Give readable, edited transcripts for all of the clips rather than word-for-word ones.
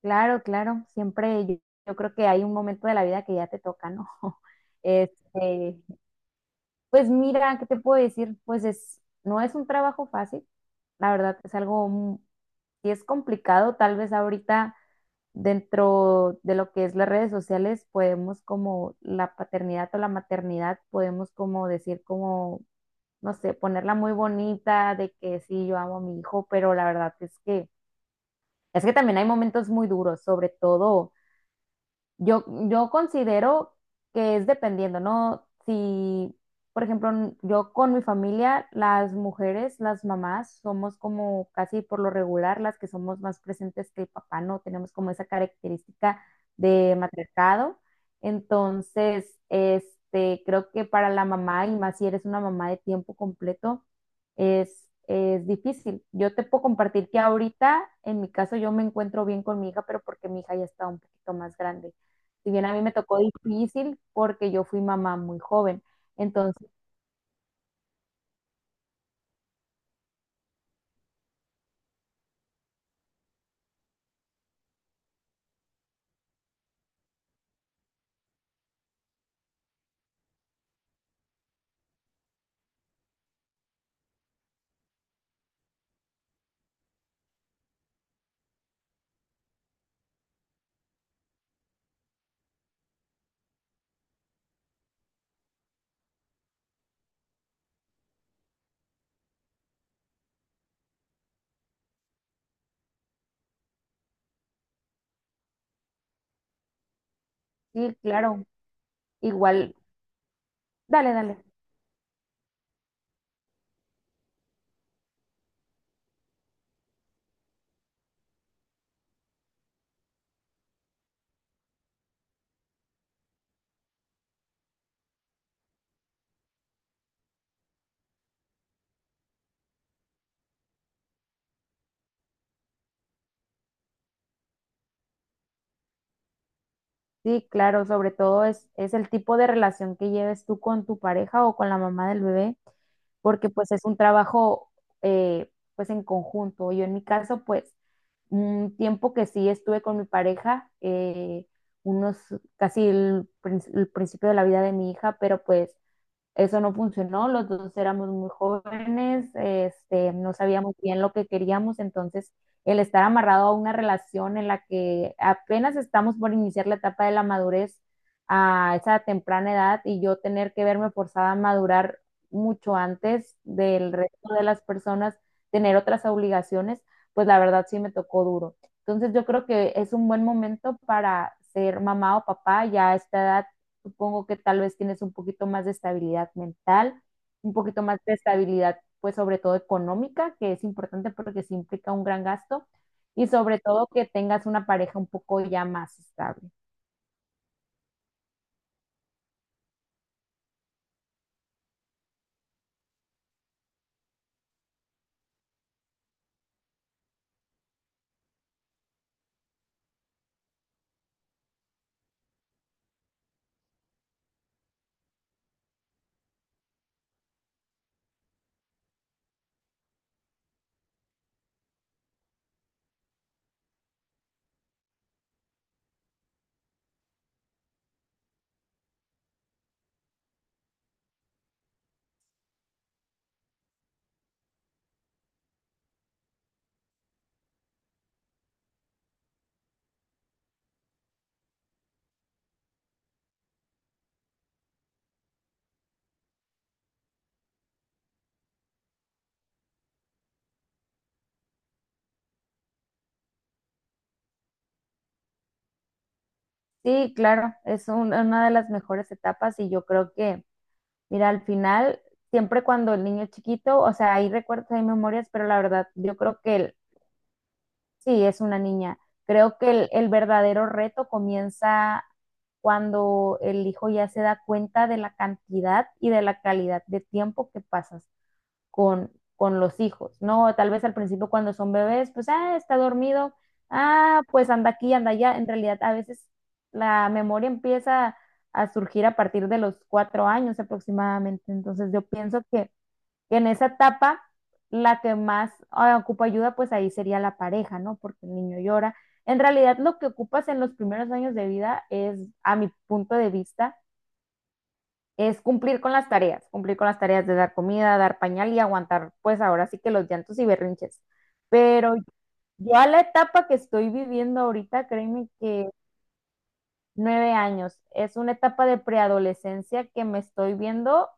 Claro, claro, siempre yo creo que hay un momento de la vida que ya te toca, ¿no? Este, pues mira, ¿qué te puedo decir? Pues es, no es un trabajo fácil, la verdad es algo, sí es complicado, tal vez ahorita dentro de lo que es las redes sociales podemos como la paternidad o la maternidad, podemos como decir como, no sé, ponerla muy bonita de que sí, yo amo a mi hijo, pero la verdad es que también hay momentos muy duros, sobre todo. Yo considero que es dependiendo, ¿no? Si, por ejemplo, yo con mi familia, las mujeres, las mamás, somos como casi por lo regular las que somos más presentes que el papá, ¿no? Tenemos como esa característica de matriarcado. Entonces, este, creo que para la mamá, y más si eres una mamá de tiempo completo, es difícil. Yo te puedo compartir que ahorita, en mi caso, yo me encuentro bien con mi hija, pero porque mi hija ya está un poquito más grande. Si bien a mí me tocó difícil porque yo fui mamá muy joven. Entonces, sí, claro, igual, dale, dale. Sí, claro, sobre todo es el tipo de relación que lleves tú con tu pareja o con la mamá del bebé, porque pues es un trabajo eh, pues en conjunto. Yo en mi caso, pues un tiempo que sí estuve con mi pareja, unos casi el principio de la vida de mi hija, pero pues eso no funcionó, los dos éramos muy jóvenes, este, no sabíamos bien lo que queríamos, entonces el estar amarrado a una relación en la que apenas estamos por iniciar la etapa de la madurez a esa temprana edad y yo tener que verme forzada a madurar mucho antes del resto de las personas, tener otras obligaciones, pues la verdad sí me tocó duro. Entonces yo creo que es un buen momento para ser mamá o papá, ya a esta edad. Supongo que tal vez tienes un poquito más de estabilidad mental, un poquito más de estabilidad, pues sobre todo económica, que es importante porque sí implica un gran gasto, y sobre todo que tengas una pareja un poco ya más estable. Sí, claro, es una de las mejores etapas y yo creo que, mira, al final, siempre cuando el niño es chiquito, o sea, hay recuerdos, hay memorias, pero la verdad, yo creo que sí, es una niña. Creo que el verdadero reto comienza cuando el hijo ya se da cuenta de la cantidad y de la calidad de tiempo que pasas con los hijos, ¿no? Tal vez al principio cuando son bebés, pues, ah, está dormido, ah, pues anda aquí, anda allá. En realidad, a veces la memoria empieza a surgir a partir de los 4 años aproximadamente. Entonces, yo pienso que en esa etapa, la que más ocupa ayuda, pues ahí sería la pareja, ¿no? Porque el niño llora. En realidad, lo que ocupas en los primeros años de vida es, a mi punto de vista, es cumplir con las tareas, cumplir con las tareas de dar comida, dar pañal y aguantar, pues ahora sí que los llantos y berrinches. Pero ya la etapa que estoy viviendo ahorita, créeme que 9 años, es una etapa de preadolescencia que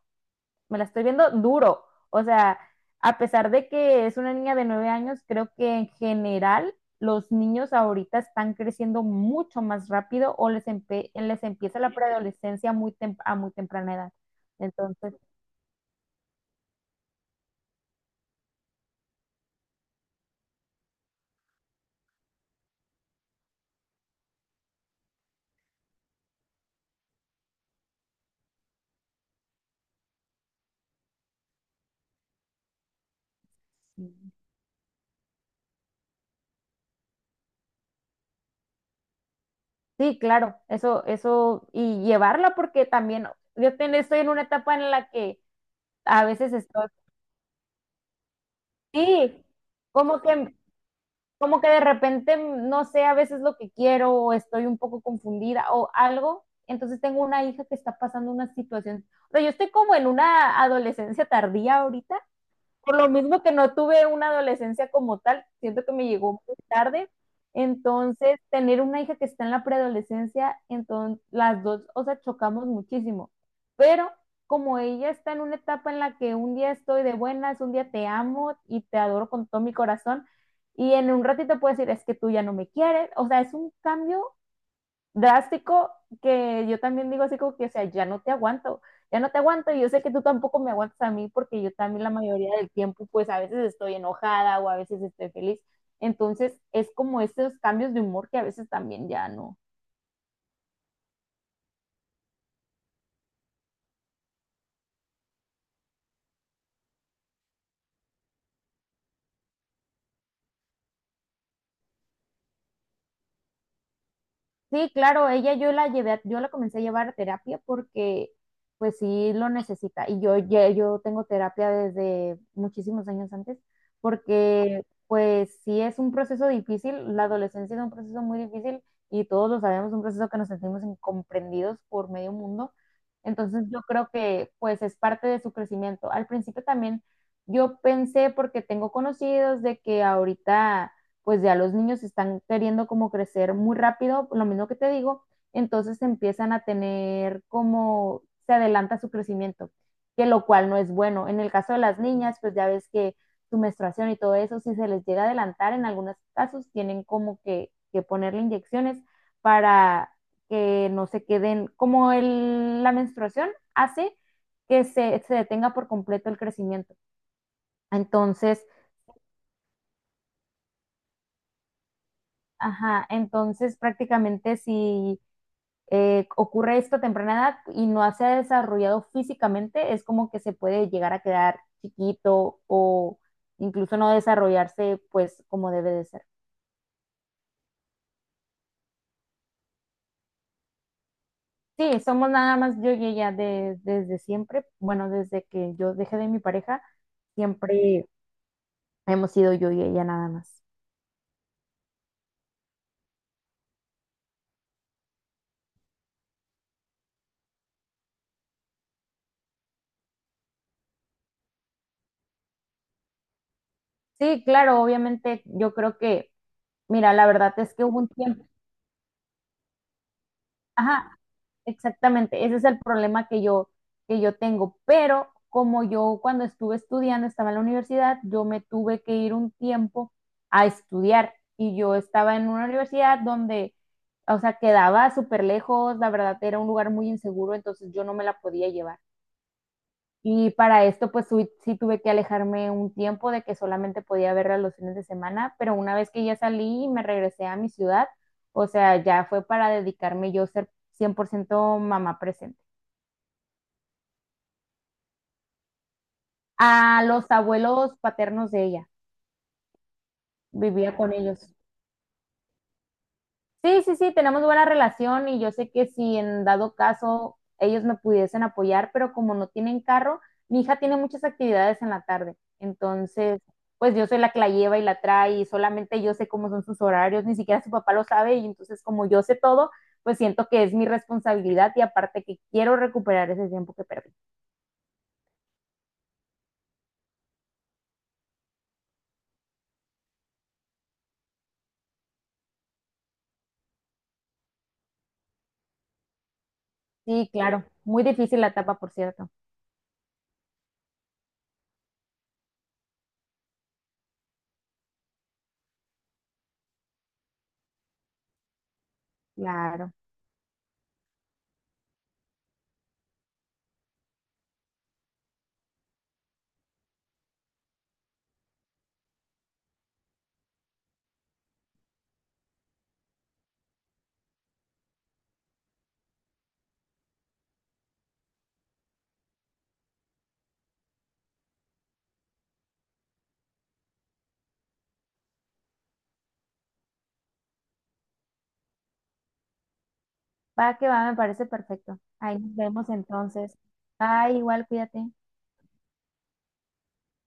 me la estoy viendo duro. O sea, a pesar de que es una niña de 9 años, creo que en general los niños ahorita están creciendo mucho más rápido o les empieza la preadolescencia a muy temprana edad. Entonces, sí, claro, eso, y llevarla porque también yo estoy en una etapa en la que a veces estoy, sí, como que como que de repente no sé a veces lo que quiero o estoy un poco confundida o algo. Entonces tengo una hija que está pasando una situación, o sea, yo estoy como en una adolescencia tardía ahorita por lo mismo que no tuve una adolescencia como tal, siento que me llegó muy tarde. Entonces, tener una hija que está en la preadolescencia, entonces las dos, o sea, chocamos muchísimo. Pero como ella está en una etapa en la que un día estoy de buenas, un día te amo y te adoro con todo mi corazón, y en un ratito puedes decir, es que tú ya no me quieres, o sea, es un cambio drástico que yo también digo así como que, o sea, ya no te aguanto, ya no te aguanto y yo sé que tú tampoco me aguantas a mí porque yo también la mayoría del tiempo pues a veces estoy enojada o a veces estoy feliz. Entonces es como estos cambios de humor que a veces también ya no. Sí, claro, ella yo la llevé, yo la comencé a llevar a terapia porque pues sí lo necesita y yo tengo terapia desde muchísimos años antes porque pues sí es un proceso difícil, la adolescencia es un proceso muy difícil y todos lo sabemos, un proceso que nos sentimos incomprendidos por medio mundo. Entonces yo creo que pues es parte de su crecimiento. Al principio también yo pensé porque tengo conocidos de que ahorita pues ya los niños están queriendo como crecer muy rápido, lo mismo que te digo, entonces empiezan a tener como se adelanta su crecimiento, que lo cual no es bueno. En el caso de las niñas, pues ya ves que su menstruación y todo eso, si se les llega a adelantar, en algunos casos tienen como que ponerle inyecciones para que no se queden, como la menstruación hace que se detenga por completo el crecimiento. Entonces, ajá, entonces prácticamente si ocurre esto a temprana edad y no se ha desarrollado físicamente, es como que se puede llegar a quedar chiquito o incluso no desarrollarse pues como debe de ser. Sí, somos nada más yo y ella desde siempre, bueno, desde que yo dejé de mi pareja, siempre hemos sido yo y ella nada más. Sí, claro, obviamente yo creo que, mira, la verdad es que hubo un tiempo, ajá. Exactamente, ese es el problema que yo tengo. Pero como yo cuando estuve estudiando, estaba en la universidad, yo me tuve que ir un tiempo a estudiar y yo estaba en una universidad donde, o sea, quedaba súper lejos, la verdad era un lugar muy inseguro, entonces yo no me la podía llevar. Y para esto, pues sí, sí tuve que alejarme un tiempo de que solamente podía verla los fines de semana, pero una vez que ya salí y me regresé a mi ciudad, o sea, ya fue para dedicarme yo a ser 100% mamá presente. A los abuelos paternos de ella, vivía con ellos. Sí, sí, sí, tenemos buena relación y yo sé que si en dado caso ellos me pudiesen apoyar, pero como no tienen carro, mi hija tiene muchas actividades en la tarde. Entonces, pues yo soy la que la lleva y la trae y solamente yo sé cómo son sus horarios, ni siquiera su papá lo sabe y entonces como yo sé todo, pues siento que es mi responsabilidad y aparte que quiero recuperar ese tiempo que perdí. Sí, claro, muy difícil la etapa, por cierto. Claro. Va que va, me parece perfecto. Ahí nos vemos entonces. Bye, igual, cuídate.